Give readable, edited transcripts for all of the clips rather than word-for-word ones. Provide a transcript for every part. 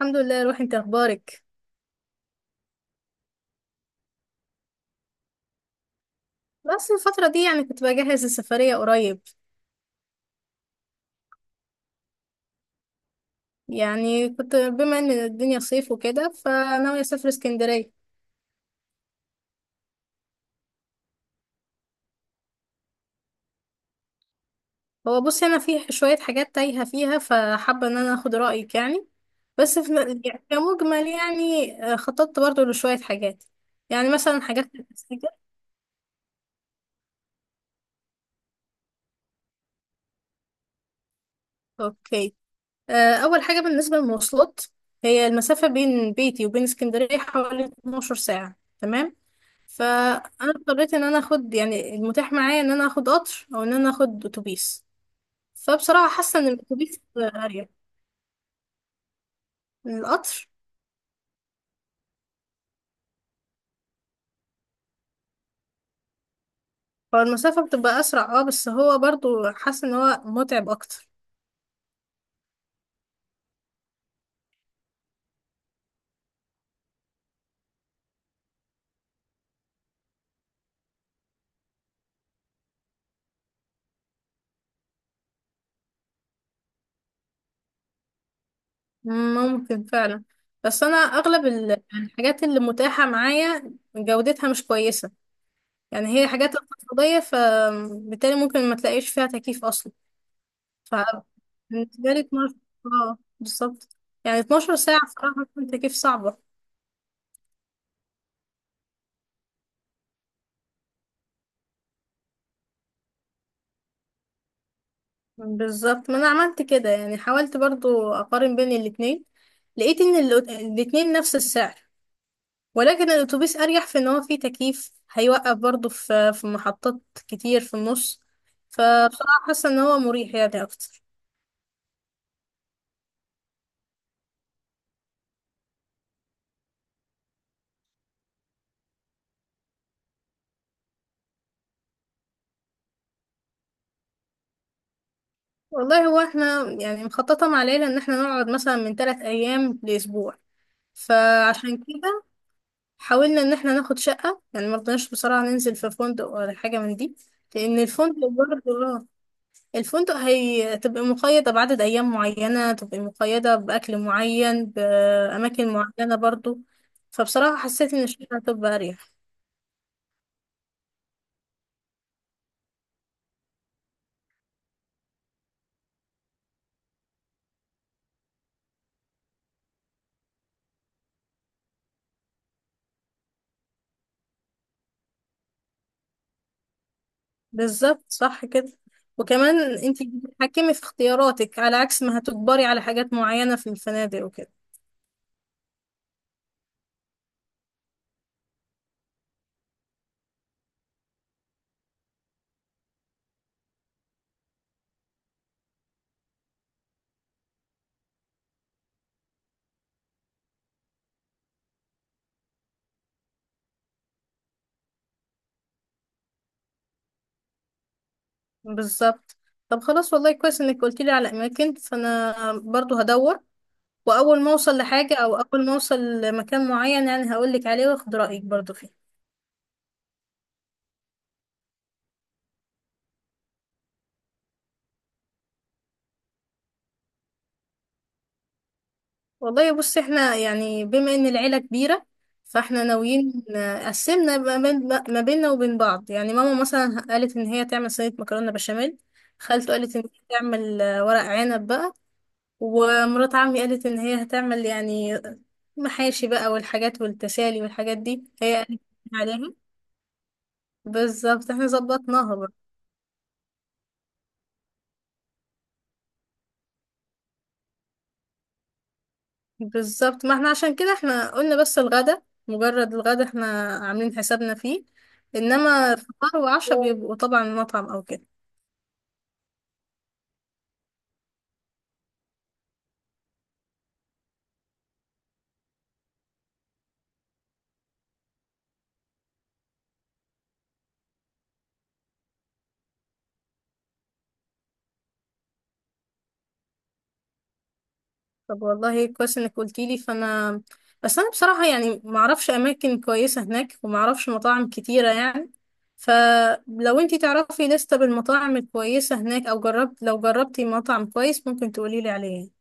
الحمد لله. روح انت اخبارك. بس الفترة دي كنت بجهز السفرية قريب. كنت بما ان الدنيا صيف وكده فناوية اسافر اسكندرية. هو بصي انا في شوية حاجات تايهة فيها، فحابة ان انا اخد رأيك بس في يعني كمجمل، خططت برضو لشوية حاجات، يعني مثلا حاجات التسجيل. اوكي. اول حاجة بالنسبة للمواصلات، هي المسافة بين بيتي وبين اسكندرية حوالي 12 ساعة. تمام. فانا اضطريت ان انا اخد يعني المتاح معايا، ان انا اخد قطر او ان انا اخد اتوبيس. فبصراحه حاسه ان الاتوبيس اريح من القطر. فالمسافه بتبقى اسرع، اه، بس هو برضو حاسه ان هو متعب اكتر. ممكن فعلا. بس انا اغلب الحاجات اللي متاحه معايا جودتها مش كويسه. يعني هي حاجات اقتصاديه، فبالتالي ممكن ما تلاقيش فيها تكييف اصلا. فبالنسبه لي 12، اه بالظبط، يعني 12 ساعه بصراحه تكييف صعبه. بالظبط، ما انا عملت كده، يعني حاولت برضو اقارن بين الاتنين. لقيت ان الاتنين نفس السعر، ولكن الاتوبيس اريح في ان هو فيه تكييف، هيوقف برضو في محطات كتير في النص. فبصراحة حاسة ان هو مريح يعني اكتر. والله هو احنا يعني مخططة مع العيلة ان احنا نقعد مثلا من ثلاث ايام لاسبوع. فعشان كده حاولنا ان احنا ناخد شقة، يعني مرضناش بصراحة ننزل في فندق ولا حاجة من دي. لان الفندق برضو، الفندق هتبقى مقيدة بعدد أيام معينة، تبقى مقيدة بأكل معين بأماكن معينة برضو. فبصراحة حسيت إن الشقة هتبقى أريح. بالظبط صح كده. وكمان انتي بتتحكمي في اختياراتك، على عكس ما هتجبري على حاجات معينة في الفنادق وكده. بالظبط. طب خلاص، والله كويس انك قلتيلي على أماكن، فأنا برضو هدور. وأول ما أوصل لحاجة، أو أول ما أوصل لمكان معين، يعني هقولك عليه وأخد رأيك برضو فيه. والله بص، احنا يعني بما ان العيلة كبيرة، فاحنا ناويين، قسمنا ما بين، ما بيننا وبين بعض. يعني ماما مثلا قالت ان هي تعمل صينية مكرونة بشاميل، خالته قالت ان هي تعمل ورق عنب بقى، ومرات عمي قالت ان هي هتعمل يعني محاشي بقى، والحاجات والتسالي والحاجات دي هي قالت عليها. بالظبط، احنا ظبطناها. بالظبط، ما احنا عشان كده احنا قلنا بس الغدا، مجرد الغدا احنا عاملين حسابنا فيه. انما فطار وعشاء بيبقوا طبعا مطعم او كده. طب والله كويس انك قلتيلي، فانا بس انا بصراحة يعني معرفش اماكن كويسة هناك، ومعرفش مطاعم كتيرة يعني. فلو انتي تعرفي لستة بالمطاعم الكويسة هناك، او جربت، لو جربتي مطعم كويس ممكن تقوليلي عليه.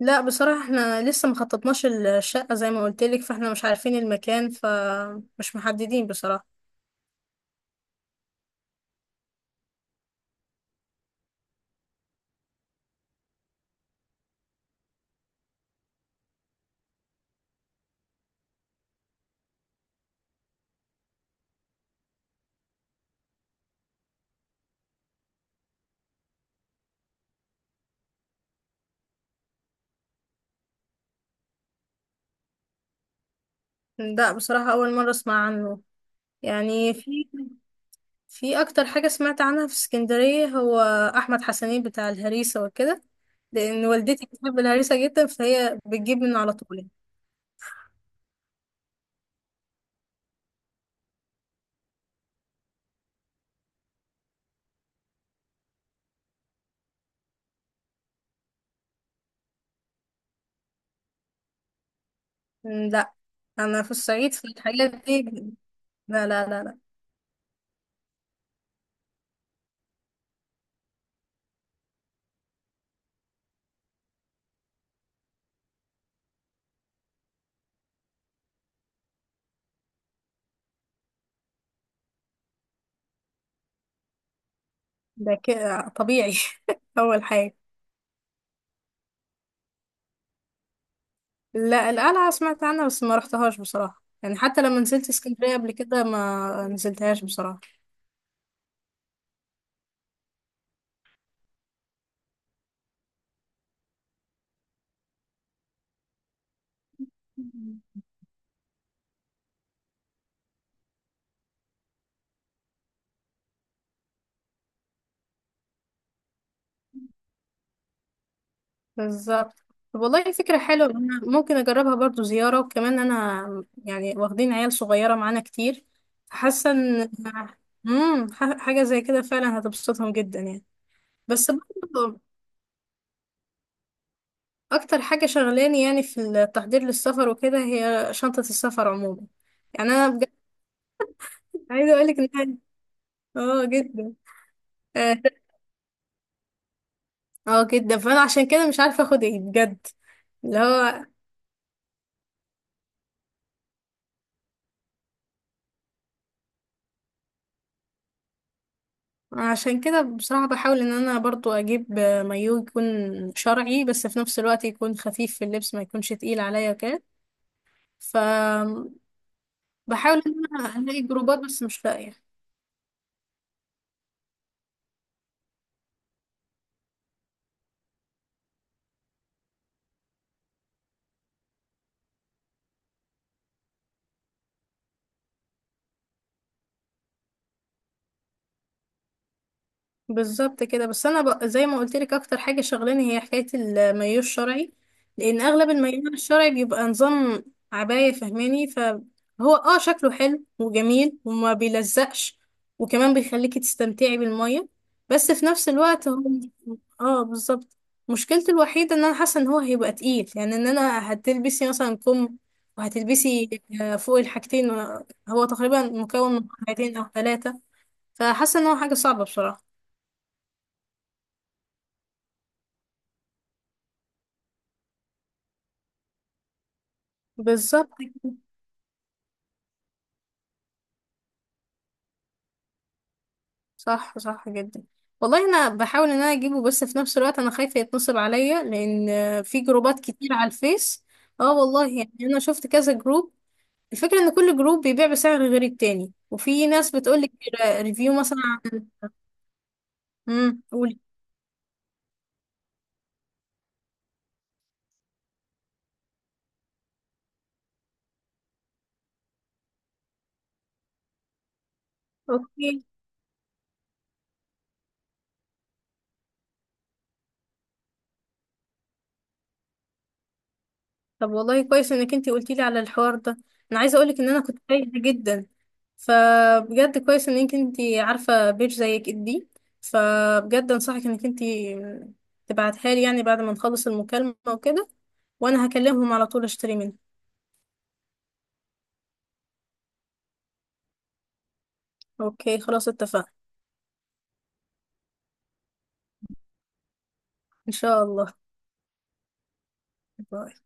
لا بصراحة، احنا لسه مخططناش الشقة زي ما قلتلك، فاحنا مش عارفين المكان، فمش محددين بصراحة. لا بصراحة، أول مرة أسمع عنه. يعني في في أكتر حاجة سمعت عنها في اسكندرية هو أحمد حسنين بتاع الهريسة وكده، لأن والدتي بتحب الهريسة جدا، فهي بتجيب منه على طول. لا، أنا في الصعيد في الحاجات دي. لا لا لا لا. ده كده طبيعي. أول حاجة. لا، القلعة سمعت عنها بس ما رحتهاش بصراحة، يعني حتى لما نزلت اسكندرية قبل كده ما نزلتهاش بصراحة. بالظبط. طب والله فكرة حلوة، أنا ممكن أجربها برضو زيارة. وكمان أنا يعني واخدين عيال صغيرة معانا كتير، فحاسة إن، حاجة زي كده فعلا هتبسطهم جدا يعني. بس برضو أكتر حاجة شغلاني يعني في التحضير للسفر وكده هي شنطة السفر عموما. يعني أنا بجد عايزة أقولك إن اه جدا. اه، جدا، فأنا عشان كده مش عارفة أخد إيه بجد. اللي هو عشان كده بصراحة بحاول ان انا برضو اجيب مايو يكون شرعي، بس في نفس الوقت يكون خفيف في اللبس، ما يكونش تقيل عليا كده. ف بحاول ان انا الاقي جروبات بس مش لاقية. بالظبط كده. بس انا زي ما قلت لك اكتر حاجه شغلاني هي حكايه المايو الشرعي، لان اغلب المايو الشرعي بيبقى نظام عبايه فهماني. فهو اه شكله حلو وجميل وما بيلزقش، وكمان بيخليكي تستمتعي بالميه، بس في نفس الوقت هو، اه بالظبط، مشكلته الوحيده ان انا حاسه ان هو هيبقى تقيل، يعني ان انا هتلبسي مثلا كم، وهتلبسي فوق الحاجتين. هو تقريبا مكون من حاجتين او ثلاثه، فحاسه ان هو حاجه صعبه بصراحه. بالظبط. صح صح جدا. والله انا بحاول ان انا اجيبه، بس في نفس الوقت انا خايفه يتنصب عليا، لان في جروبات كتير على الفيس. اه والله، يعني انا شفت كذا جروب. الفكره ان كل جروب بيبيع بسعر غير التاني، وفي ناس بتقول لك ريفيو مثلا عن، قولي. اوكي. طب والله كويس انك انتي قلتي لي على الحوار ده، انا عايزه اقولك ان انا كنت تايهه جدا. فبجد كويس انك انتي عارفه بيج زي دي، فبجد انصحك انك انتي تبعتها لي يعني بعد ما نخلص المكالمه وكده، وانا هكلمهم على طول اشتري منها. اوكي خلاص اتفقنا. ان شاء الله. باي.